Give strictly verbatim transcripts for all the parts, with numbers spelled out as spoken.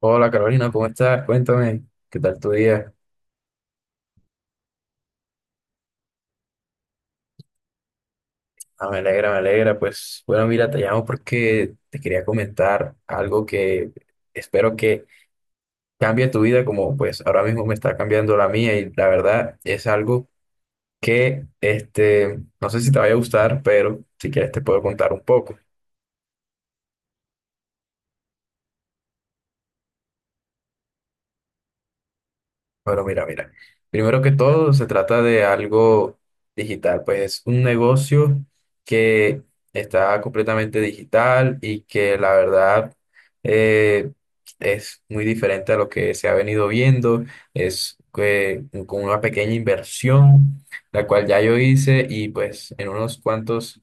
Hola Carolina, ¿cómo estás? Cuéntame, ¿qué tal tu día? Ah, me alegra, me alegra. Pues bueno, mira, te llamo porque te quería comentar algo que espero que cambie tu vida como pues ahora mismo me está cambiando la mía, y la verdad es algo que este, no sé si te vaya a gustar, pero si quieres te puedo contar un poco. Bueno, mira, mira. Primero que todo, se trata de algo digital, pues es un negocio que está completamente digital y que la verdad eh, es muy diferente a lo que se ha venido viendo. Es que con una pequeña inversión, la cual ya yo hice, y pues en unos cuantos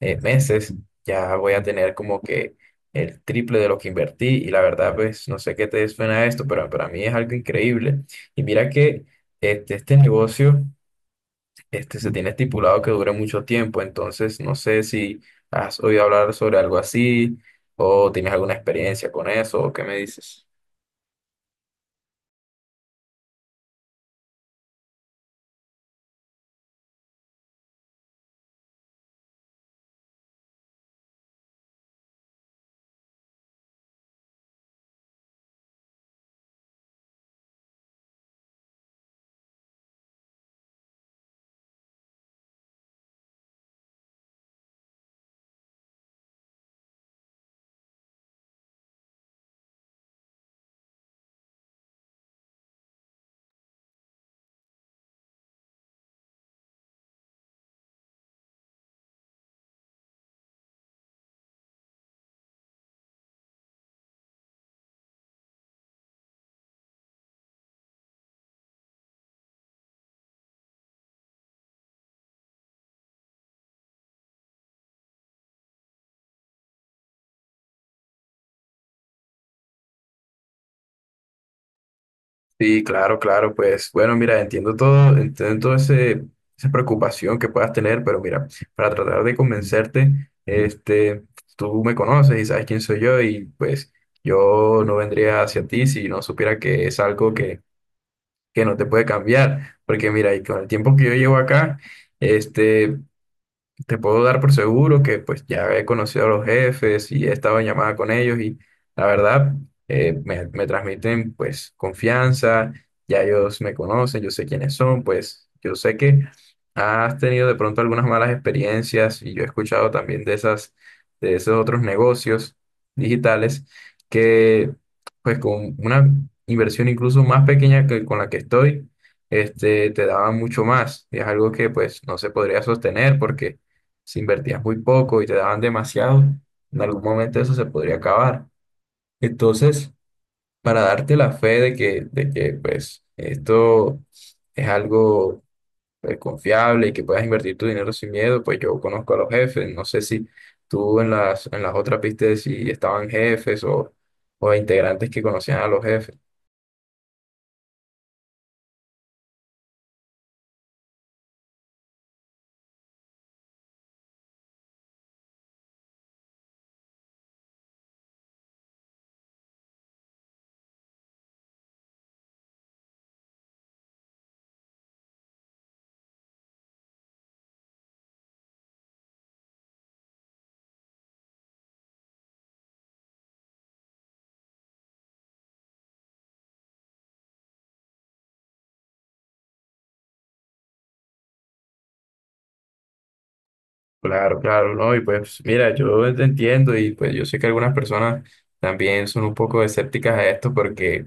eh, meses ya voy a tener como que el triple de lo que invertí, y la verdad, pues no sé qué te suena esto, pero para mí es algo increíble. Y mira que este, este negocio este, se tiene estipulado que dure mucho tiempo, entonces no sé si has oído hablar sobre algo así o tienes alguna experiencia con eso, o qué me dices. Sí, claro, claro, pues bueno, mira, entiendo todo, entiendo todo ese, esa preocupación que puedas tener, pero mira, para tratar de convencerte, este, tú me conoces y sabes quién soy yo, y pues yo no vendría hacia ti si no supiera que es algo que, que no te puede cambiar, porque mira, y con el tiempo que yo llevo acá, este, te puedo dar por seguro que pues ya he conocido a los jefes y he estado en llamada con ellos, y la verdad eh, me, me transmiten pues confianza. Ya ellos me conocen, yo sé quiénes son, pues yo sé que has tenido de pronto algunas malas experiencias, y yo he escuchado también de esas, de esos otros negocios digitales que pues con una inversión incluso más pequeña que con la que estoy, este, te daban mucho más, y es algo que pues no se podría sostener, porque si invertías muy poco y te daban demasiado, en algún momento eso se podría acabar. Entonces, para darte la fe de que, de que pues, esto es algo eh, confiable y que puedas invertir tu dinero sin miedo, pues yo conozco a los jefes. No sé si tú en las, en las otras viste si estaban jefes o, o integrantes que conocían a los jefes. Claro, claro, ¿no? Y pues mira, yo te entiendo y pues yo sé que algunas personas también son un poco escépticas a esto porque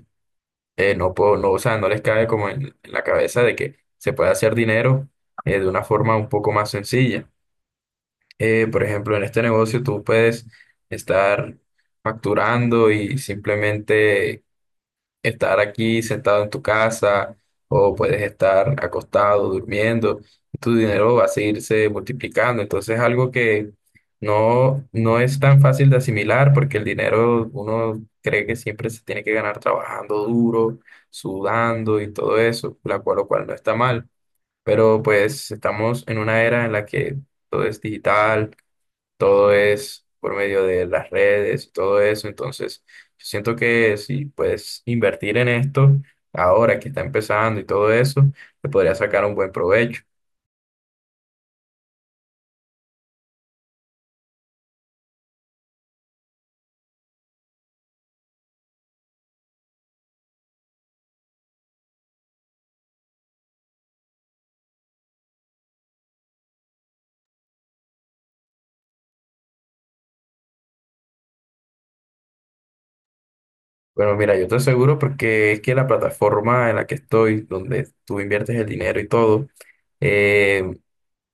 eh, no puedo, no, o sea, no les cabe como en, en la cabeza de que se puede hacer dinero eh, de una forma un poco más sencilla. Eh, por ejemplo, en este negocio tú puedes estar facturando y simplemente estar aquí sentado en tu casa, o puedes estar acostado, durmiendo, y tu dinero va a seguirse multiplicando. Entonces es algo que no, no es tan fácil de asimilar, porque el dinero uno cree que siempre se tiene que ganar trabajando duro, sudando y todo eso, la cual, lo cual no está mal. Pero pues estamos en una era en la que todo es digital, todo es por medio de las redes y todo eso. Entonces, yo siento que si puedes invertir en esto ahora que está empezando y todo eso, te podría sacar un buen provecho. Bueno, mira, yo te aseguro, porque es que la plataforma en la que estoy, donde tú inviertes el dinero y todo, eh,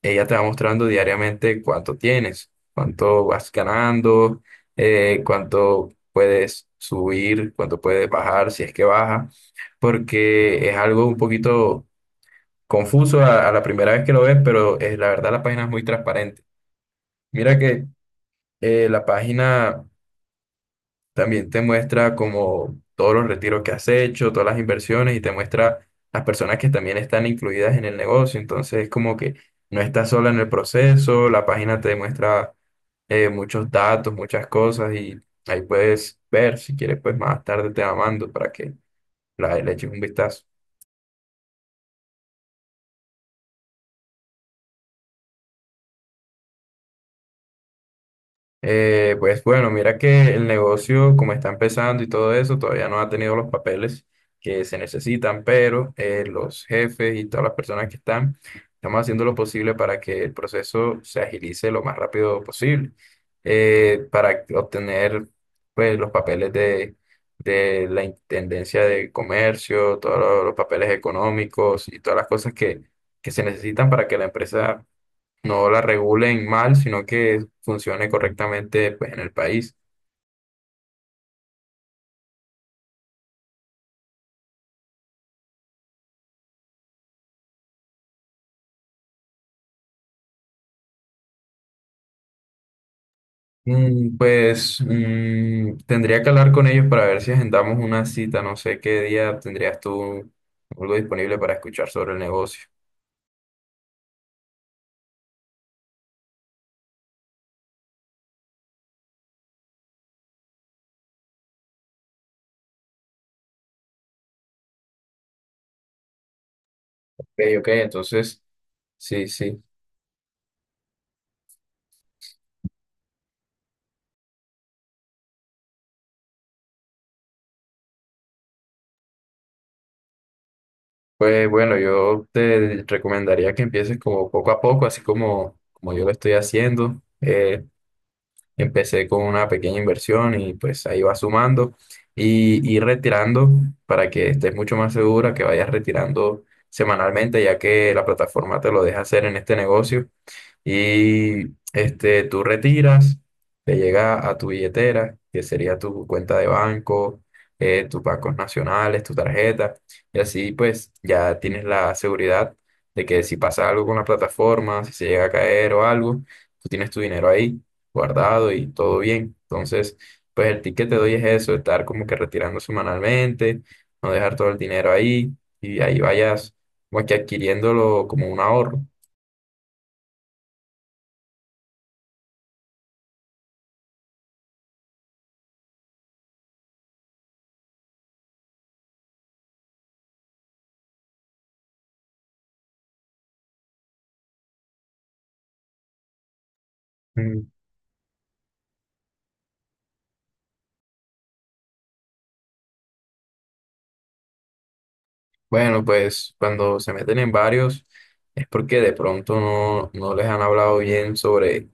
ella te va mostrando diariamente cuánto tienes, cuánto vas ganando, eh, cuánto puedes subir, cuánto puedes bajar, si es que baja, porque es algo un poquito confuso a, a la primera vez que lo ves, pero eh, la verdad la página es muy transparente. Mira que eh, la página también te muestra como todos los retiros que has hecho, todas las inversiones, y te muestra las personas que también están incluidas en el negocio. Entonces es como que no estás sola en el proceso, la página te muestra eh, muchos datos, muchas cosas, y ahí puedes ver. Si quieres pues más tarde te la mando para que la, le eches un vistazo. Eh, pues bueno, mira que el negocio, como está empezando y todo eso, todavía no ha tenido los papeles que se necesitan, pero eh, los jefes y todas las personas que están, estamos haciendo lo posible para que el proceso se agilice lo más rápido posible, eh, para obtener pues, los papeles de, de la Intendencia de Comercio, todos los, los papeles económicos y todas las cosas que, que se necesitan para que la empresa no la regulen mal, sino que funcione correctamente pues, en el país. Mm, pues mm, tendría que hablar con ellos para ver si agendamos una cita. No sé qué día tendrías tú algo disponible para escuchar sobre el negocio. Ok, ok, entonces, sí, sí. Pues bueno, yo te recomendaría que empieces como poco a poco, así como, como yo lo estoy haciendo. Eh, Empecé con una pequeña inversión y pues ahí vas sumando y, y retirando, para que estés mucho más segura, que vayas retirando semanalmente, ya que la plataforma te lo deja hacer en este negocio. Y este, tú retiras, te llega a tu billetera, que sería tu cuenta de banco, eh, tus bancos nacionales, tu tarjeta, y así pues ya tienes la seguridad de que si pasa algo con la plataforma, si se llega a caer o algo, tú tienes tu dinero ahí guardado y todo bien. Entonces, pues el tip que te doy es eso, estar como que retirando semanalmente, no dejar todo el dinero ahí, y ahí vayas como que adquiriéndolo como un ahorro. Bueno, pues cuando se meten en varios es porque de pronto no, no les han hablado bien sobre,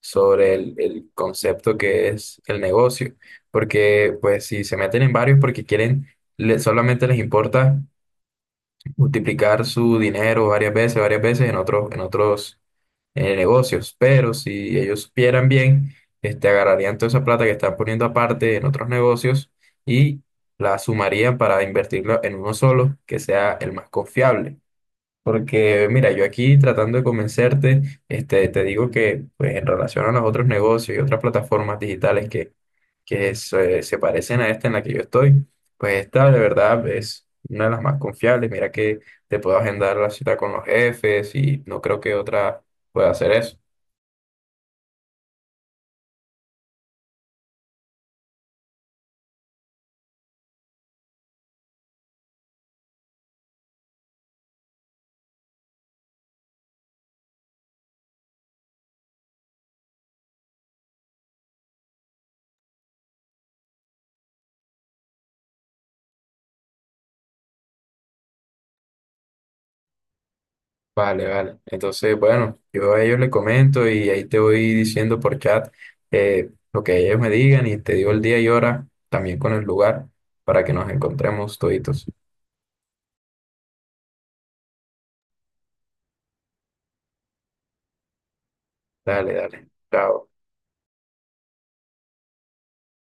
sobre el, el concepto que es el negocio. Porque pues si se meten en varios porque quieren, le- solamente les importa multiplicar su dinero varias veces, varias veces en otros, en otros eh, negocios. Pero si ellos supieran bien, este, agarrarían toda esa plata que están poniendo aparte en otros negocios y la sumarían para invertirla en uno solo, que sea el más confiable. Porque mira, yo aquí tratando de convencerte, este, te digo que pues, en relación a los otros negocios y otras plataformas digitales que, que se, se parecen a esta en la que yo estoy, pues esta de verdad es una de las más confiables. Mira que te puedo agendar la cita con los jefes, y no creo que otra pueda hacer eso. Vale, vale. Entonces, bueno, yo a ellos le comento y ahí te voy diciendo por chat eh, lo que ellos me digan, y te digo el día y hora, también con el lugar, para que nos encontremos toditos. Dale, dale. Chao.